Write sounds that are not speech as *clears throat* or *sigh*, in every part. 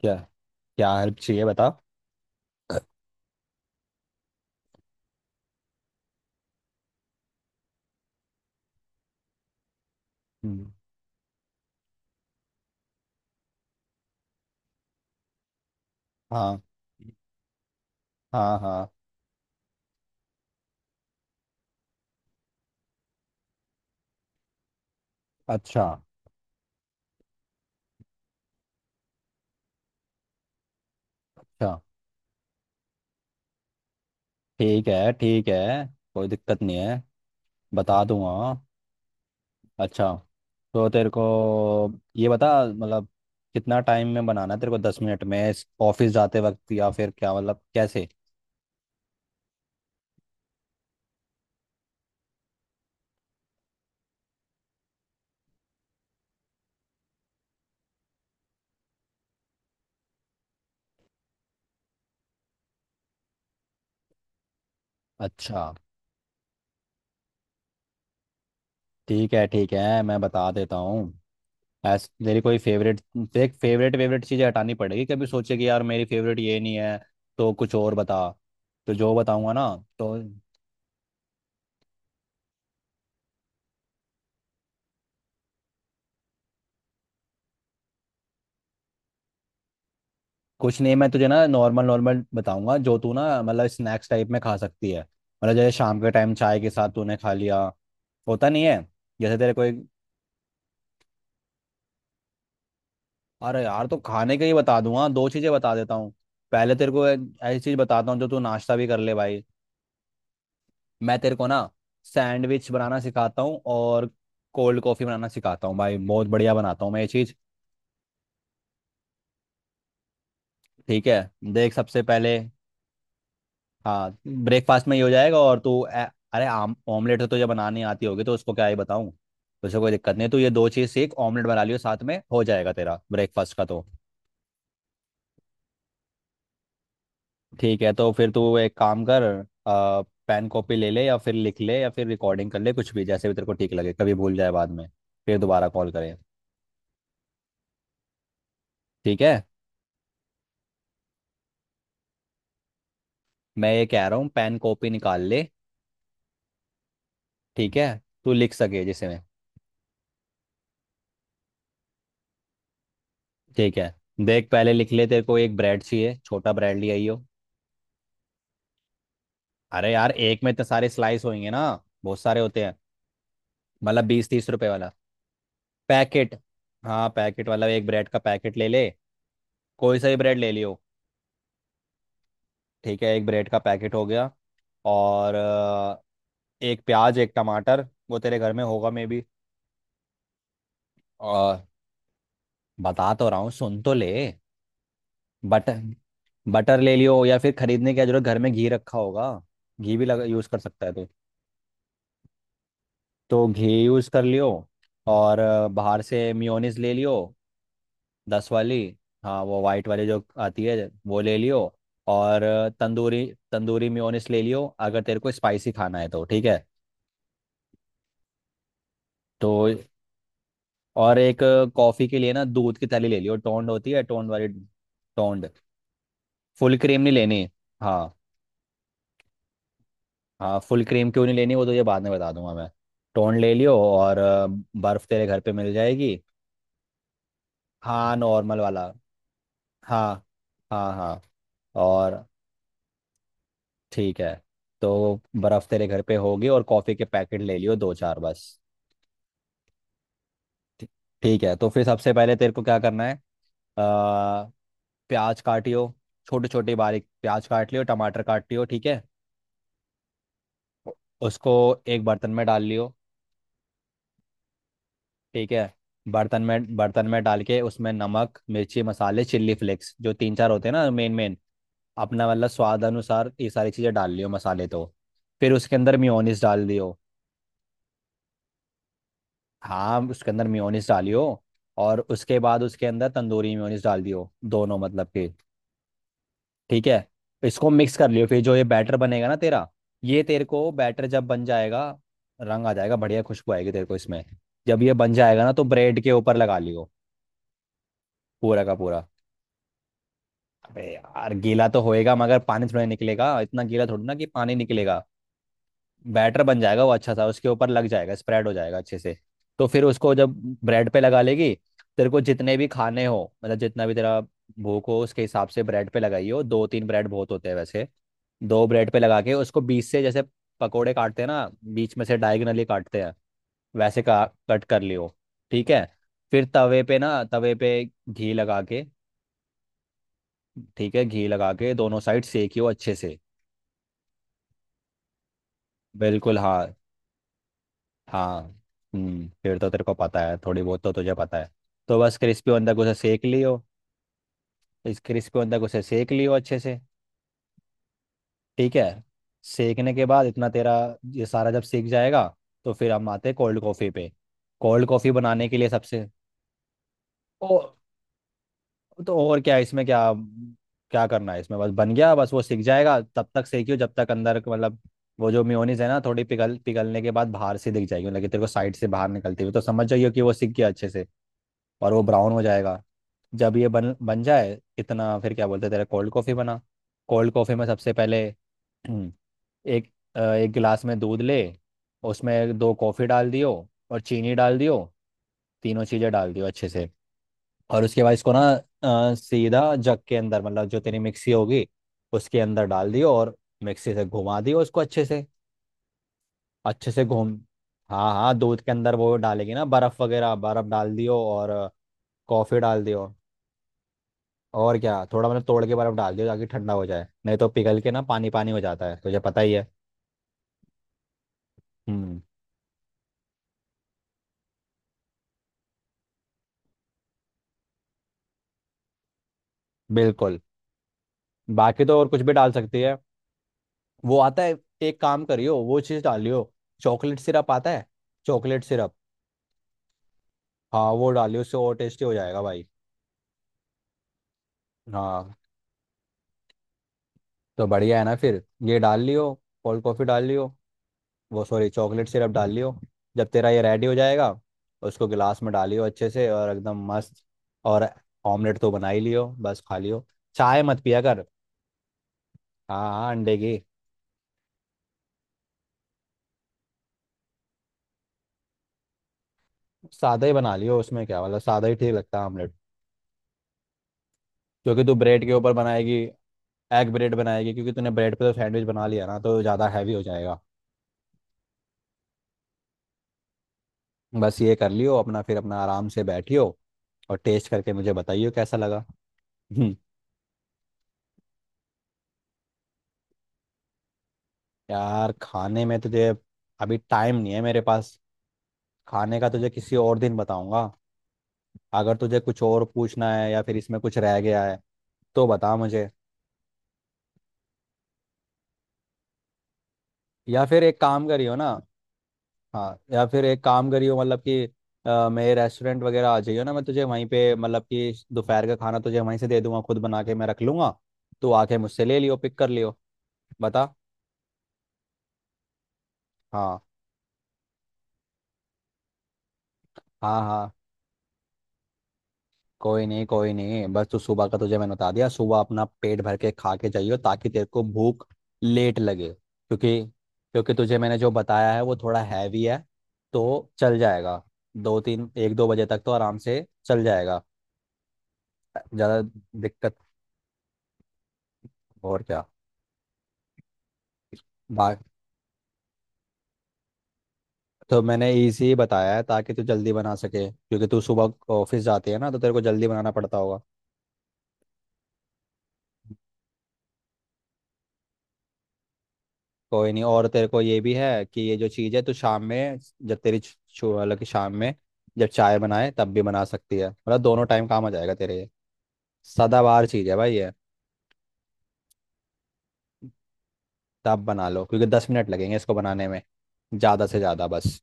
क्या क्या हेल्प चाहिए बता। हम्म, हाँ हाँ हाँ। अच्छा अच्छा। ठीक है ठीक है। कोई दिक्कत नहीं है। बता दूंगा। अच्छा। तो तेरे को ये बता मतलब कितना टाइम में बनाना है तेरे को, 10 मिनट में ऑफिस जाते वक्त या फिर क्या मतलब कैसे? अच्छा ठीक है मैं बता देता हूँ। ऐस तेरी कोई फेवरेट देख, फेवरेट फेवरेट चीजें हटानी पड़ेगी कभी सोचे कि यार मेरी फेवरेट ये नहीं है तो कुछ और बता, तो जो बताऊंगा ना तो। कुछ नहीं मैं तुझे ना नॉर्मल नॉर्मल बताऊंगा जो तू ना मतलब स्नैक्स टाइप में खा सकती है, मतलब जैसे शाम के टाइम चाय के साथ तूने खा लिया होता नहीं है, जैसे तेरे कोई। अरे यार तो खाने का ही बता दूंगा, दो चीजें बता देता हूँ। पहले तेरे को ऐ- ऐसी चीज बताता हूँ जो तू नाश्ता भी कर ले भाई। मैं तेरे को ना सैंडविच बनाना सिखाता हूँ और कोल्ड कॉफी बनाना सिखाता हूँ भाई, बहुत बढ़िया बनाता हूँ मैं ये चीज। ठीक है देख सबसे पहले। हाँ ब्रेकफास्ट में ये हो जाएगा अरे आम ऑमलेट तो तुझे बनानी आती होगी तो उसको क्या ही बताऊँ। तुझे कोई दिक्कत नहीं है, तू ये दो चीज सीख, ऑमलेट बना लियो साथ में, हो जाएगा तेरा ब्रेकफास्ट का तो। ठीक है तो फिर तू एक काम कर। आ, पेन कॉपी ले ले या फिर लिख ले या फिर रिकॉर्डिंग कर ले, कुछ भी जैसे भी तेरे को ठीक लगे, कभी भूल जाए बाद में फिर दोबारा कॉल करें। ठीक है? मैं ये कह रहा हूँ पेन कॉपी निकाल ले। ठीक है, तू लिख सके जिसमें। ठीक है देख पहले लिख ले, तेरे को एक ब्रेड चाहिए, छोटा ब्रेड ले आई हो। अरे यार एक में इतने सारे स्लाइस होंगे ना, बहुत सारे होते हैं, मतलब 20-30 रुपए वाला पैकेट। हाँ पैकेट वाला एक ब्रेड का पैकेट ले ले, कोई सा भी ब्रेड ले लियो। ठीक है एक ब्रेड का पैकेट हो गया। और एक प्याज एक टमाटर वो तेरे घर में होगा मे बी। और बता तो रहा हूँ सुन तो ले। बटर, बटर ले लियो या फिर खरीदने की क्या जरूरत, घर में घी रखा होगा, घी भी लगा यूज़ कर सकता है तो। तो घी यूज़ कर लियो। और बाहर से मियोनीज ले लियो, दस वाली। हाँ वो वाइट वाली जो आती है वो ले लियो। और तंदूरी, तंदूरी मेयोनेज़ ले लियो अगर तेरे को स्पाइसी खाना है तो। ठीक है तो, और एक कॉफ़ी के लिए ना दूध की थैली ले लियो, टोंड होती है टोंड वाली, टोंड, फुल क्रीम नहीं लेनी। हाँ हाँ फुल क्रीम क्यों नहीं लेनी वो तो ये बाद में बता दूंगा मैं। टोन ले लियो और बर्फ तेरे घर पे मिल जाएगी। हाँ नॉर्मल वाला। हाँ हाँ हाँ। और ठीक है, तो बर्फ तेरे घर पे होगी और कॉफ़ी के पैकेट ले लियो दो चार बस। ठी- ठीक है, तो फिर सबसे पहले तेरे को क्या करना है। अ, प्याज काटियो, छोटे छोटे बारीक प्याज काट लियो, टमाटर काट लियो। ठीक है उसको एक बर्तन में डाल लियो। ठीक है, बर्तन में डाल के उसमें नमक मिर्ची मसाले चिल्ली फ्लेक्स जो तीन चार होते हैं ना मेन मेन, अपना मतलब स्वाद अनुसार ये सारी चीज़ें डाल लियो मसाले तो। फिर उसके अंदर मियोनीस डाल दियो, हाँ उसके अंदर मियोनीस डालियो और उसके बाद उसके अंदर तंदूरी मियोनीस डाल दियो, दोनों मतलब के। ठीक है, इसको मिक्स कर लियो फिर जो ये बैटर बनेगा ना तेरा, ये तेरे को बैटर जब बन जाएगा रंग आ जाएगा, बढ़िया खुशबू आएगी तेरे को इसमें। जब ये बन जाएगा ना तो ब्रेड के ऊपर लगा लियो, पूरा का पूरा। अबे यार गीला तो होएगा मगर पानी थोड़ा निकलेगा, इतना गीला थोड़ी ना कि पानी निकलेगा। बैटर बन जाएगा वो अच्छा सा, उसके ऊपर लग जाएगा स्प्रेड हो जाएगा अच्छे से। तो फिर उसको जब ब्रेड पे लगा लेगी, तेरे को जितने भी खाने हो मतलब जितना भी तेरा भूख हो उसके हिसाब से ब्रेड पे लगाई हो, दो तीन ब्रेड बहुत होते हैं वैसे। दो ब्रेड पे लगा के उसको बीच से जैसे पकोड़े काटते हैं ना बीच में से डायगनली काटते हैं, वैसे का कट कर लियो। ठीक है फिर तवे पे ना, तवे पे घी लगा के, ठीक है घी लगा के दोनों साइड सेकियो अच्छे से। बिल्कुल हाँ। हाँ। हम्म, फिर तो तेरे को पता है, थोड़ी बहुत तो तुझे पता है तो बस क्रिस्पी बंदा को उसे सेक लियो। इस क्रिस्पी बंदा को उसे सेक लियो अच्छे से। ठीक है। सेकने के बाद इतना तेरा, ये सारा जब सेक जाएगा तो फिर हम आते हैं कोल्ड कॉफ़ी पे। कोल्ड कॉफ़ी बनाने के लिए सबसे। ओ तो, और क्या इसमें, क्या क्या करना है इसमें, बस बन गया बस वो सिक जाएगा, तब तक सेकियो जब तक अंदर का मतलब, वो जो मेयोनीज है ना थोड़ी पिघलने के बाद बाहर से दिख जाएगी मतलब कि तेरे को साइड से बाहर निकलती हुई, तो समझ जाइयो कि वो सिक गया अच्छे से और वो ब्राउन हो जाएगा। जब ये बन बन जाए इतना फिर क्या बोलते हैं तेरा, कोल्ड कॉफ़ी बना। कोल्ड कॉफ़ी में सबसे पहले *clears throat* हम्म, एक गिलास में दूध ले, उसमें दो कॉफ़ी डाल दियो और चीनी डाल दियो, तीनों चीज़ें डाल दियो अच्छे से। और उसके बाद इसको ना सीधा जग के अंदर मतलब जो तेरी मिक्सी होगी उसके अंदर डाल दियो और मिक्सी से घुमा दियो उसको अच्छे से, अच्छे से घूम। हाँ हाँ दूध के अंदर वो डालेगी ना, बर्फ वगैरह बर्फ डाल दियो और कॉफी डाल दियो। और क्या, थोड़ा मतलब तोड़ के बर्फ डाल दियो ताकि ठंडा हो जाए, नहीं तो पिघल के ना पानी पानी हो जाता है तुझे पता ही है। हम्म। बिल्कुल, बाकी तो और कुछ भी डाल सकती है। वो आता है, एक काम करियो वो चीज़ डालियो, चॉकलेट सिरप आता है। Chocolate syrup. हाँ वो डालियो, उससे और टेस्टी हो जाएगा भाई। हाँ तो बढ़िया है ना फिर। ये डाल लियो, कोल्ड कॉफ़ी डाल लियो, वो सॉरी चॉकलेट सिरप डाल लियो। जब तेरा ये रेडी हो जाएगा उसको गिलास में डालियो अच्छे से और एकदम मस्त। और ऑमलेट तो बना ही लियो बस खा लियो, चाय मत पिया कर। हाँ हाँ अंडे की। सादा ही बना लियो उसमें क्या मतलब, सादा ही ठीक लगता है ऑमलेट, क्योंकि तू ब्रेड के ऊपर बनाएगी, एग ब्रेड बनाएगी, क्योंकि तूने ब्रेड पे तो सैंडविच बना लिया ना तो ज़्यादा हैवी हो जाएगा। बस ये कर लियो अपना, फिर अपना आराम से बैठियो और टेस्ट करके मुझे बताइयो कैसा लगा। *laughs* यार खाने में तुझे अभी टाइम नहीं है मेरे पास, खाने का तुझे किसी और दिन बताऊंगा। अगर तुझे कुछ और पूछना है या फिर इसमें कुछ रह गया है तो बता मुझे, या फिर एक काम करियो ना। हाँ या फिर एक काम करियो, मतलब कि मेरे रेस्टोरेंट वगैरह आ जाइयो ना, मैं तुझे वहीं पे मतलब कि दोपहर का खाना तुझे वहीं से दे दूंगा, खुद बना के मैं रख लूंगा, तू आके मुझसे ले लियो पिक कर लियो। बता। हाँ हाँ हाँ। कोई नहीं कोई नहीं, बस तू सुबह का तुझे मैंने बता दिया, सुबह अपना पेट भर के खा के जाइयो ताकि तेरे को भूख लेट लगे, क्योंकि, क्योंकि तुझे मैंने जो बताया है वो थोड़ा हैवी है तो चल जाएगा, दो तीन, 1-2 बजे तक तो आराम से चल जाएगा, ज़्यादा दिक्कत। और क्या। बाकी तो मैंने इजी बताया है ताकि तू जल्दी बना सके, क्योंकि तू सुबह ऑफिस जाती है ना तो तेरे को जल्दी बनाना पड़ता होगा। कोई नहीं, और तेरे को ये भी है कि ये जो चीज़ है तो शाम में जब तेरी छु- छु- मतलब कि शाम में जब चाय बनाए तब भी बना सकती है, मतलब दोनों टाइम काम आ जाएगा तेरे ये, सदाबहार चीज़ है भाई ये। तब बना लो क्योंकि 10 मिनट लगेंगे इसको बनाने में, ज़्यादा से ज़्यादा बस।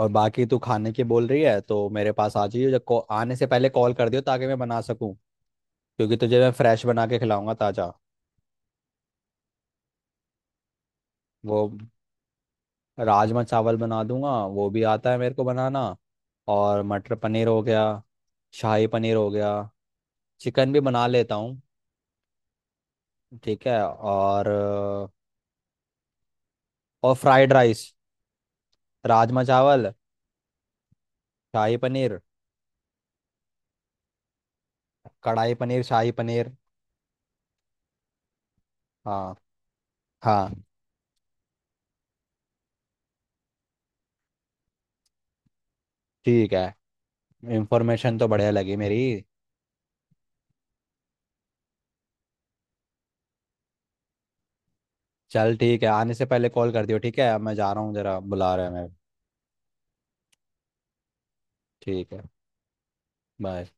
और बाकी तू खाने की बोल रही है तो मेरे पास आ जाइयो, जब आने से पहले कॉल कर दियो ताकि मैं बना सकूँ, क्योंकि तुझे मैं फ्रेश बना के खिलाऊंगा ताज़ा। वो राजमा चावल बना दूंगा वो भी आता है मेरे को बनाना। और मटर पनीर हो गया, शाही पनीर हो गया। चिकन भी बना लेता हूँ। ठीक है और फ्राइड राइस। राजमा चावल, शाही पनीर, कढ़ाई पनीर, शाही पनीर। हाँ। हाँ। ठीक है, इंफॉर्मेशन तो बढ़िया लगी मेरी। चल ठीक है, आने से पहले कॉल कर दियो, ठीक है अब मैं जा रहा हूँ, जरा बुला रहे हैं मेरे। ठीक है। बाय।